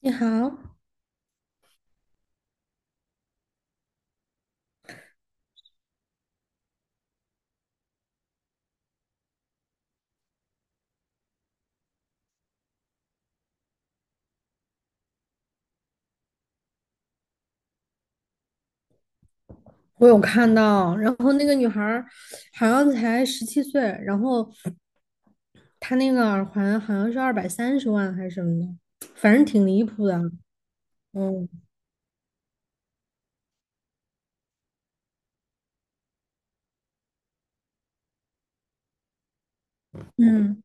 你好，我有看到，然后那个女孩儿好像才17岁，然后她那个耳环好像是230万还是什么的，反正挺离谱的。嗯嗯，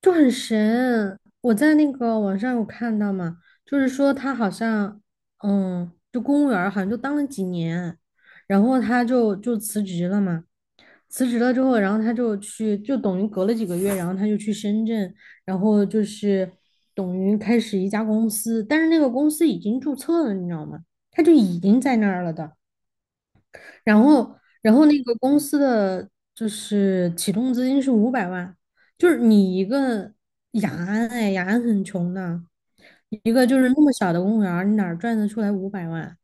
就很神。我在那个网上有看到嘛，就是说她好像，就公务员儿好像就当了几年，然后她就辞职了嘛。辞职了之后，然后他就去，就等于隔了几个月，然后他就去深圳，然后就是等于开始一家公司，但是那个公司已经注册了，你知道吗？他就已经在那儿了的。然后，然后那个公司的就是启动资金是五百万，就是你一个雅安，哎，雅安很穷的，一个就是那么小的公务员儿你哪儿赚得出来五百万？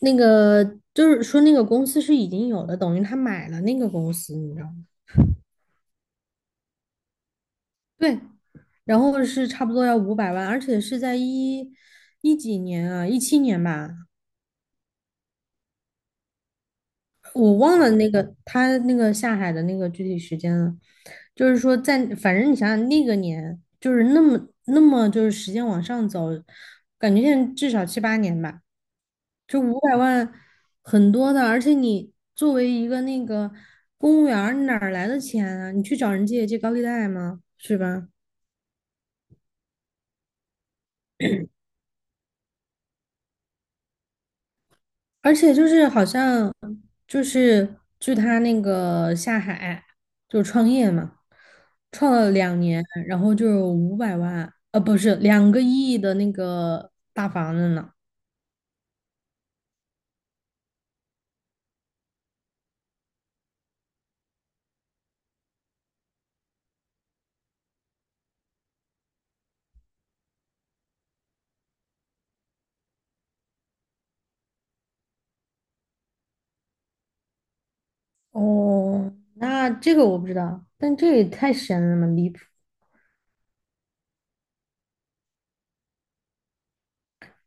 那个就是说那个公司是已经有的，等于他买了那个公司，你知道吗？对，然后是差不多要五百万，而且是在一几年啊，17年吧，我忘了那个他那个下海的那个具体时间了。就是说在，反正你想想那个年，就是那么就是时间往上走，感觉现在至少七八年吧。就五百万很多的，而且你作为一个那个公务员儿你哪儿来的钱啊？你去找人借借高利贷吗？是吧？而且就是好像就是据他那个下海就创业嘛，创了2年，然后就有五百万，不是2个亿的那个大房子呢。哦，那这个我不知道，但这也太神了嘛，离谱。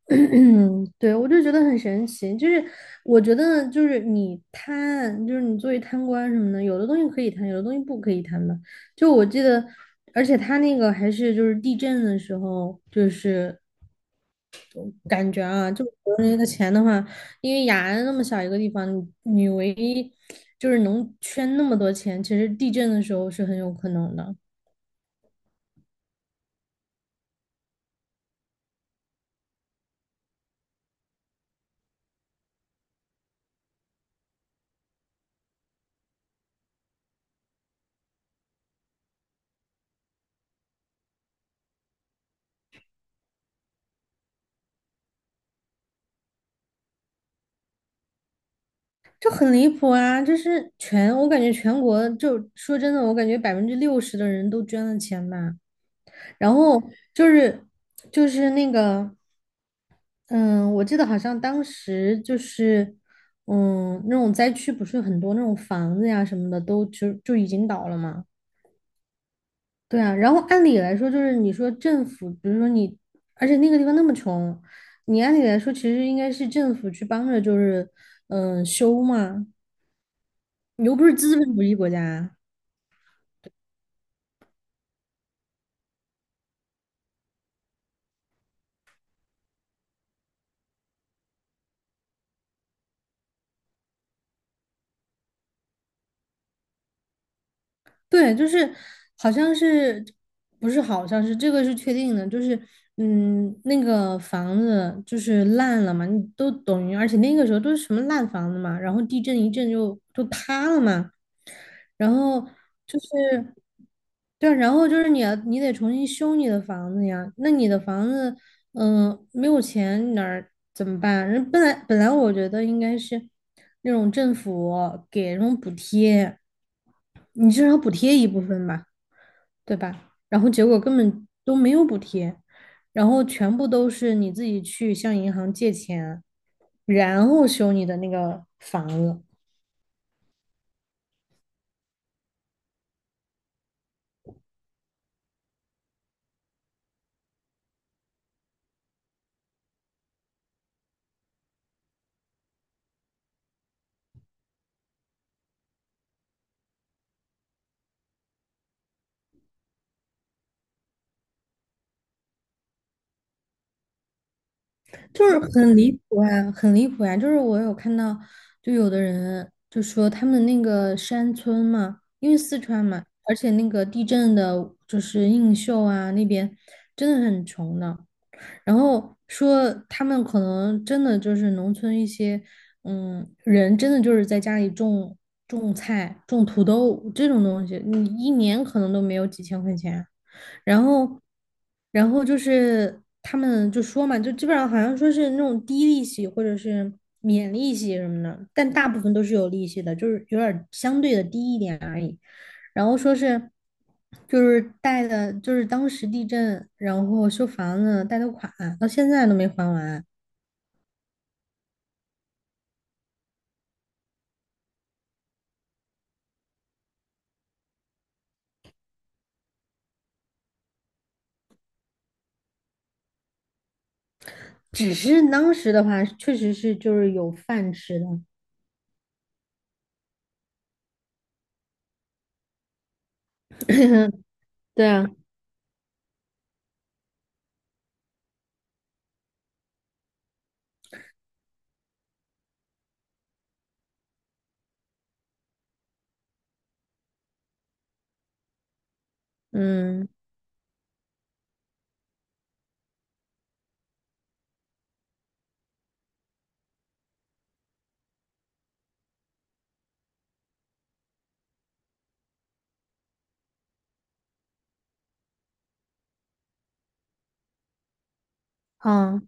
嗯，对，我就觉得很神奇，就是我觉得就是你贪，就是你作为贪官什么的，有的东西可以贪，有的东西不可以贪的。就我记得，而且他那个还是就是地震的时候，就是感觉啊，就国内的钱的话，因为雅安那么小一个地方，你唯一就是能圈那么多钱，其实地震的时候是很有可能的。就很离谱啊！就是全，我感觉全国就说真的，我感觉60%的人都捐了钱吧。然后就是就是那个，嗯，我记得好像当时就是，那种灾区不是很多那种房子呀什么的都就已经倒了嘛。对啊，然后按理来说就是你说政府，比如说你，而且那个地方那么穷，你按理来说其实应该是政府去帮着，就是修嘛，你又不是资本主义国家。对，就是好像是不是好像是这个是确定的，就是那个房子就是烂了嘛，你都等于，而且那个时候都是什么烂房子嘛，然后地震一震就塌了嘛，然后就是对啊，然后就是你得重新修你的房子呀，那你的房子没有钱你哪儿怎么办？人本来我觉得应该是那种政府给那种补贴。你至少补贴一部分吧，对吧？然后结果根本都没有补贴，然后全部都是你自己去向银行借钱，然后修你的那个房子，就是很离谱啊，很离谱啊！就是我有看到，就有的人就说他们那个山村嘛，因为四川嘛，而且那个地震的，就是映秀啊那边真的很穷的。然后说他们可能真的就是农村一些，嗯，人真的就是在家里种菜、种土豆这种东西，你一年可能都没有几千块钱。然后，他们就说嘛，就基本上好像说是那种低利息或者是免利息什么的，但大部分都是有利息的，就是有点儿相对的低一点而已。然后说是就是贷的，就是当时地震，然后修房子贷的款，到现在都没还完。只是当时的话，确实是就是有饭吃的。对啊，嗯，啊，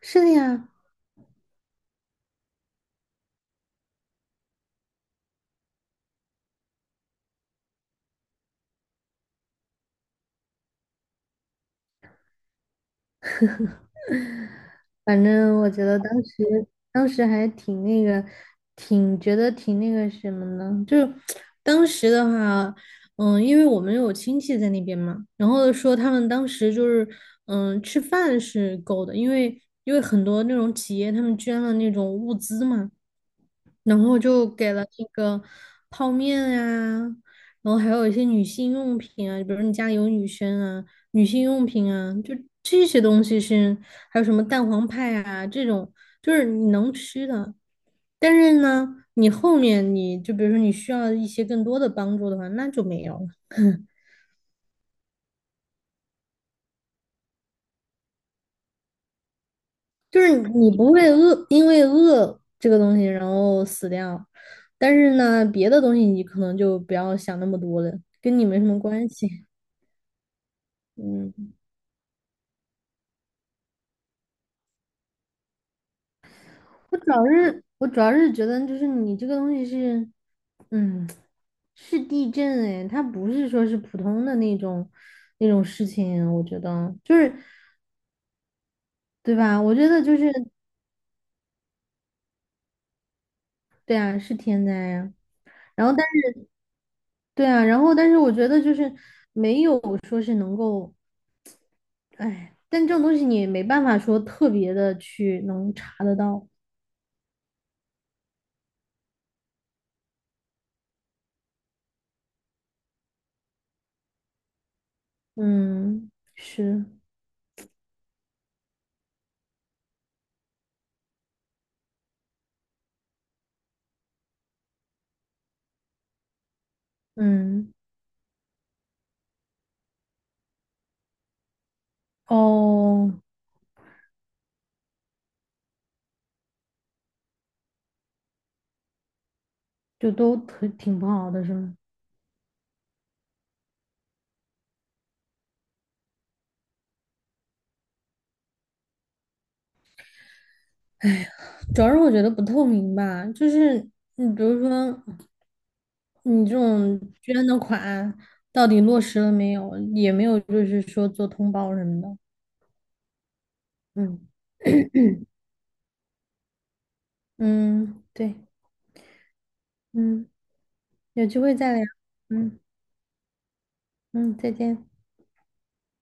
是的呀，反正我觉得当时还挺那个，挺觉得挺那个什么呢？就是当时的话，因为我们有亲戚在那边嘛，然后说他们当时就是吃饭是够的，因为很多那种企业他们捐了那种物资嘛，然后就给了那个泡面啊，然后还有一些女性用品啊，比如你家里有女生啊，女性用品啊，就这些东西是，还有什么蛋黄派啊这种，就是你能吃的。但是呢，你后面你就比如说你需要一些更多的帮助的话，那就没有了。就是你不会饿，因为饿这个东西然后死掉，但是呢，别的东西你可能就不要想那么多了，跟你没什么关系。嗯。我主要是觉得就是你这个东西是，嗯，是地震哎，它不是说是普通的那种事情，我觉得就是对吧？我觉得就是对啊，是天灾呀、然后但是对啊，然后但是我觉得就是没有说是能够，哎，但这种东西你也没办法说特别的去能查得到，嗯，是，嗯，哦，就都挺不好的是吗？主要是我觉得不透明吧，就是你比如说你这种捐的款到底落实了没有，也没有就是说做通报什么的。嗯 嗯，对，嗯，有机会再聊。嗯嗯，再见。